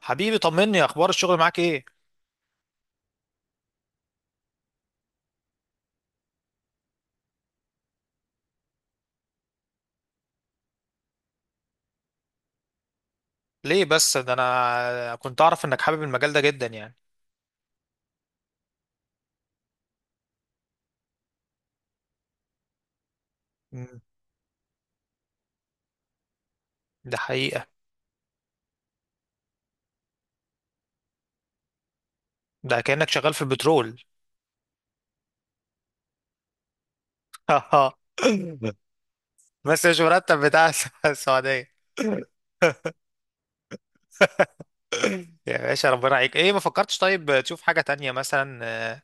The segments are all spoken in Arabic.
حبيبي، طمني اخبار الشغل معاك ايه؟ ليه بس؟ ده انا كنت اعرف انك حابب المجال ده جدا يعني. مم. ده حقيقة. ده كأنك شغال في البترول. بس مش مرتب بتاع السعودية. يا باشا ربنا عليك، ايه ما فكرتش طيب تشوف حاجة تانية مثلا؟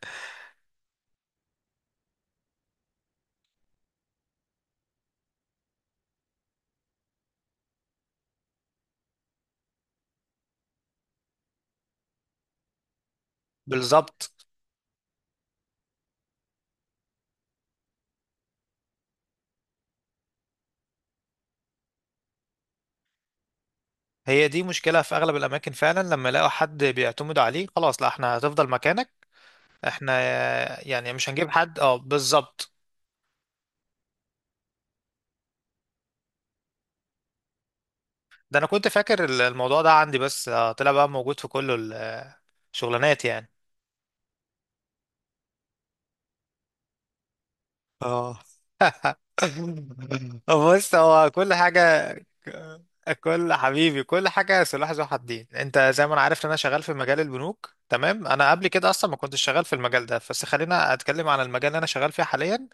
بالظبط هي دي مشكلة في اغلب الاماكن فعلا، لما يلاقوا حد بيعتمدوا عليه خلاص لا، احنا هتفضل مكانك. احنا يعني مش هنجيب حد. اه، بالظبط. ده انا كنت فاكر الموضوع ده عندي، بس طلع بقى موجود في كل الشغلانات يعني. اه. بص هو كل حاجة. كل، حبيبي، كل حاجة سلاح ذو حدين. انت زي ما انا عارف ان انا شغال في مجال البنوك، تمام. انا قبل كده اصلا ما كنتش شغال في المجال ده، بس خلينا اتكلم عن المجال اللي انا شغال فيه حاليا.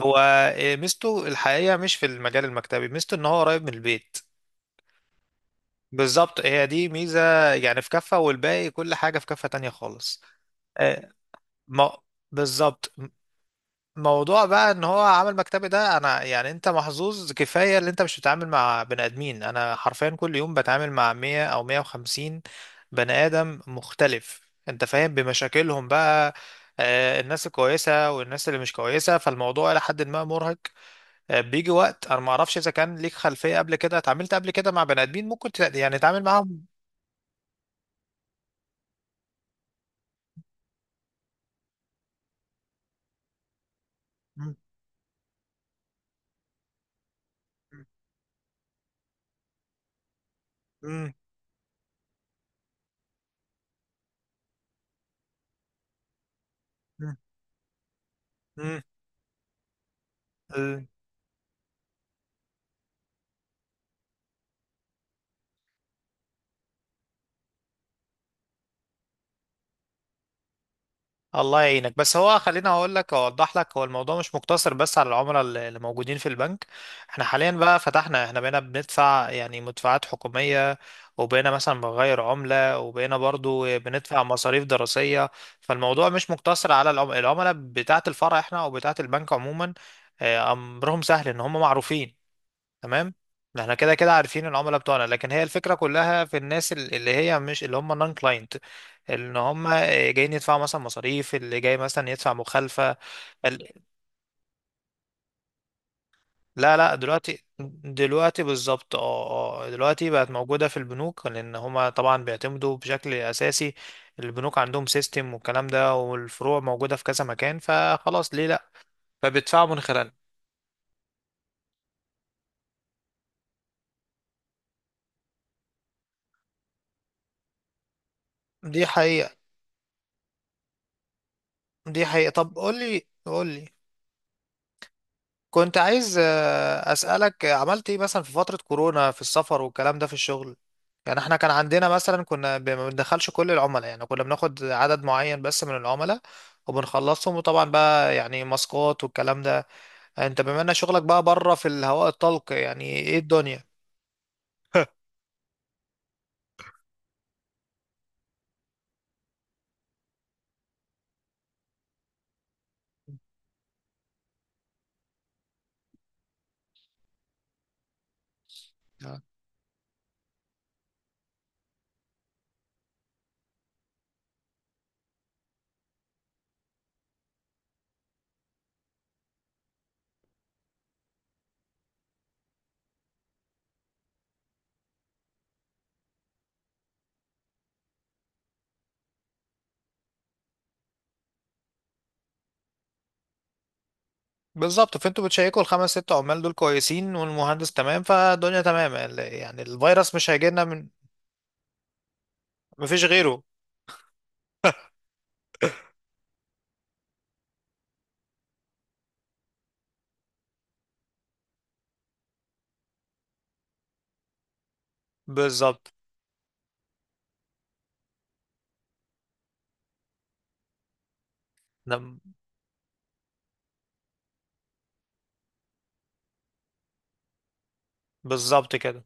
هو إيه، ميزته الحقيقة مش في المجال المكتبي، ميزته ان هو قريب من البيت. بالظبط، هي دي ميزة يعني في كفة، والباقي كل حاجة في كفة تانية خالص. آه، ما بالظبط. موضوع بقى ان هو عمل مكتبي ده، انا يعني انت محظوظ كفايه اللي انت مش بتتعامل مع بني ادمين. انا حرفيا كل يوم بتعامل مع 100 او 150 بني ادم مختلف، انت فاهم بمشاكلهم بقى. الناس الكويسه والناس اللي مش كويسه، فالموضوع الى حد ما مرهق. بيجي وقت، انا ما اعرفش اذا كان ليك خلفيه قبل كده اتعاملت قبل كده مع بني ادمين ممكن يعني تتعامل معاهم. مم. مم. مم. مم. الله يعينك، بس هو خليني اقول لك، اوضح لك، هو الموضوع مش مقتصر بس على العملاء اللي موجودين في البنك. احنا حاليا بقى فتحنا، احنا بقينا بندفع يعني مدفوعات حكومية، وبقينا مثلا بنغير عملة، وبقينا برضو بندفع مصاريف دراسية. فالموضوع مش مقتصر على العملاء بتاعة الفرع احنا، او بتاعة البنك عموما. امرهم سهل ان هم معروفين. تمام. احنا كده كده عارفين العملاء بتوعنا، لكن هي الفكرة كلها في الناس اللي هي مش اللي هم نون كلاينت. ان هم جايين يدفعوا مثلا مصاريف، اللي جاي مثلا يدفع مخالفة. ال- لا لا، دلوقتي. دلوقتي بالظبط، اه. اه دلوقتي بقت موجودة في البنوك، لان هم طبعا بيعتمدوا بشكل اساسي. البنوك عندهم سيستم والكلام ده، والفروع موجودة في كذا مكان، فخلاص ليه لا؟ فبيدفعوا من خلالها. دي حقيقة. دي حقيقة. طب قول لي، كنت عايز أسألك، عملت ايه مثلا في فترة كورونا في السفر والكلام ده في الشغل؟ يعني احنا كان عندنا مثلا كنا ما بندخلش كل العملاء، يعني كنا بناخد عدد معين بس من العملاء وبنخلصهم. وطبعا بقى يعني ماسكات والكلام ده. انت بما ان شغلك بقى بره في الهواء الطلق، يعني ايه الدنيا؟ آه. بالظبط، فانتوا بتشيكوا الخمس ست عمال دول كويسين والمهندس تمام، فالدنيا تمام. يعني الفيروس مش هيجيلنا من، مفيش غيره. بالظبط. نعم. بالظبط كده.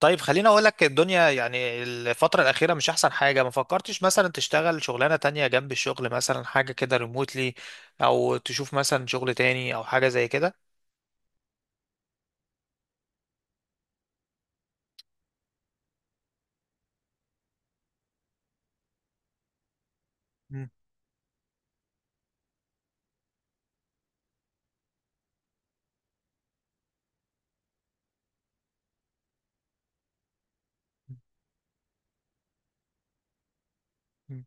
طيب خليني اقول لك، الدنيا يعني الفترة الأخيرة مش أحسن حاجة، ما فكرتش مثلا تشتغل شغلانة تانية جنب الشغل، مثلا حاجة كده ريموتلي، أو تشوف مثلا شغل تاني أو حاجة زي كده؟ مم. مم.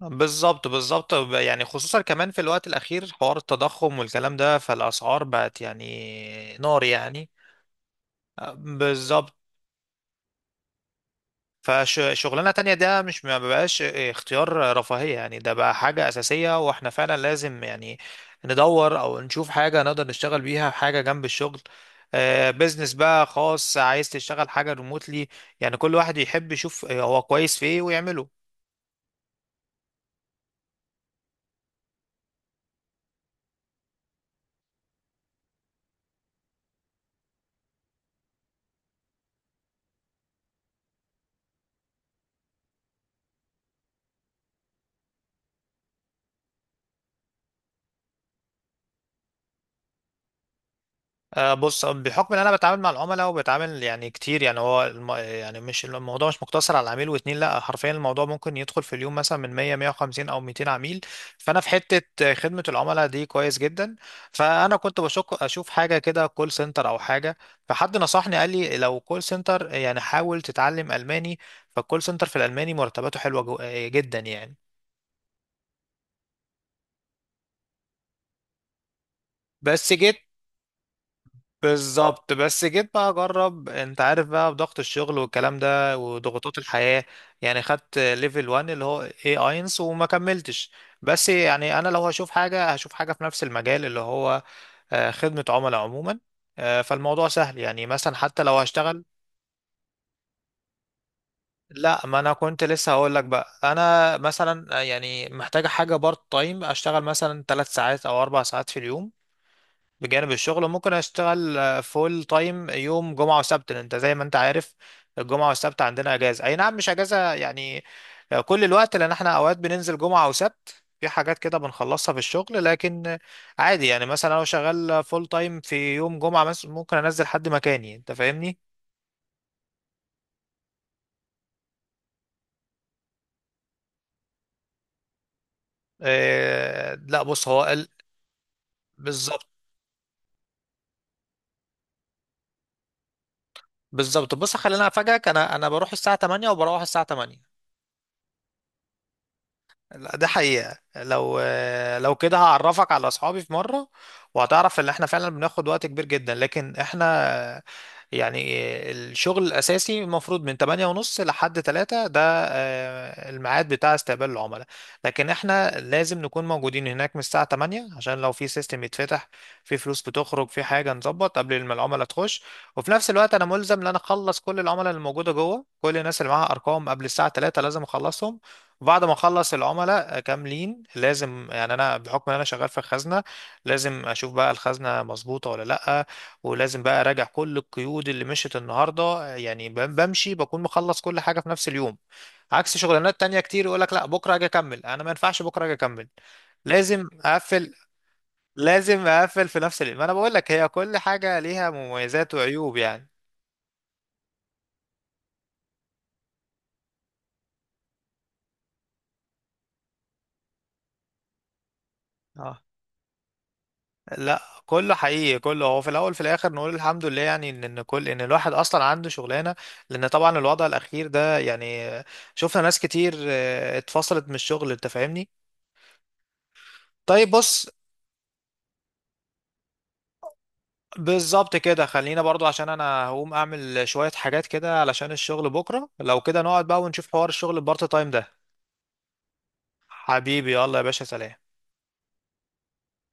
بالظبط، بالظبط، يعني خصوصا كمان في الوقت الأخير حوار التضخم والكلام ده، فالأسعار بقت يعني نار يعني. بالظبط، فشغلانة تانية ده مش، ما بقاش اختيار رفاهية يعني، ده بقى حاجة أساسية، واحنا فعلا لازم يعني ندور أو نشوف حاجة نقدر نشتغل بيها، حاجة جنب الشغل. بيزنس بقى خاص، عايز تشتغل حاجة ريموتلي يعني. كل واحد يحب يشوف هو كويس في ايه ويعمله. آه، بص آه، بحكم ان انا بتعامل مع العملاء وبتعامل يعني كتير يعني، هو يعني مش، الموضوع مش مقتصر على عميل واتنين، لا حرفيا الموضوع ممكن يدخل في اليوم مثلا من 100 150 او 200 عميل. فانا في حتة خدمة العملاء دي كويس جدا. فانا كنت بشك اشوف حاجة كده كول سنتر او حاجة. فحد نصحني قال لي لو كول سنتر يعني حاول تتعلم الماني. فالكول سنتر في الالماني مرتباته حلوة جو... آه، جدا يعني. بس جيت. بالظبط، بس جيت بقى اجرب. انت عارف بقى بضغط الشغل والكلام ده وضغوطات الحياة، يعني خدت ليفل 1 اللي هو اي اينس وما كملتش. بس يعني انا لو هشوف حاجة، هشوف حاجة في نفس المجال اللي هو خدمة عملاء عموما. فالموضوع سهل يعني، مثلا حتى لو هشتغل... لا، ما انا كنت لسه هقول لك بقى، انا مثلا يعني محتاجة حاجة بارت تايم، اشتغل مثلا 3 ساعات او 4 ساعات في اليوم بجانب الشغل. ممكن اشتغل فول تايم يوم جمعة وسبت، لأن انت زي ما انت عارف الجمعة والسبت عندنا اجازة. اي نعم، مش اجازة يعني كل الوقت، لان احنا اوقات بننزل جمعة وسبت في حاجات كده بنخلصها في الشغل، لكن عادي يعني، مثلا لو شغال فول تايم في يوم جمعة مثلا ممكن انزل حد مكاني، انت فاهمني. آه لا، بص هو بالظبط. بالظبط، بص خلينا افاجئك، انا بروح الساعة 8، وبروح الساعة 8. لا ده حقيقة، لو كده هعرفك على اصحابي في مرة. وهتعرف ان احنا فعلا بناخد وقت كبير جدا، لكن احنا يعني الشغل الاساسي المفروض من 8 ونص لحد 3 ده الميعاد بتاع استقبال العملاء. لكن احنا لازم نكون موجودين هناك من الساعة 8، عشان لو في سيستم يتفتح، في فلوس بتخرج، في حاجة نظبط قبل ما العملاء تخش. وفي نفس الوقت انا ملزم ان انا اخلص كل العملاء اللي موجودة جوه، كل الناس اللي معاها ارقام قبل الساعة 3 لازم اخلصهم. بعد ما اخلص العملاء كاملين لازم يعني، انا بحكم ان انا شغال في الخزنه، لازم اشوف بقى الخزنه مظبوطه ولا لا. ولازم بقى اراجع كل القيود اللي مشت النهارده، يعني بمشي، بكون مخلص كل حاجه في نفس اليوم. عكس شغلانات تانية كتير يقول لك لا بكره اجي اكمل، انا ما ينفعش بكره اجي اكمل، لازم اقفل. لازم اقفل في نفس اليوم. ما انا بقول لك هي كل حاجه ليها مميزات وعيوب يعني. اه، لا كله حقيقي، كله هو في الاول في الاخر نقول الحمد لله يعني، ان إن كل ان الواحد اصلا عنده شغلانه. لان طبعا الوضع الاخير ده يعني، شفنا ناس كتير اتفصلت من الشغل، انت فاهمني. طيب بص، بالظبط كده، خلينا برضو عشان انا هقوم اعمل شويه حاجات كده علشان الشغل بكره، لو كده نقعد بقى ونشوف حوار الشغل البارت تايم ده. حبيبي، يلا يا باشا، سلام.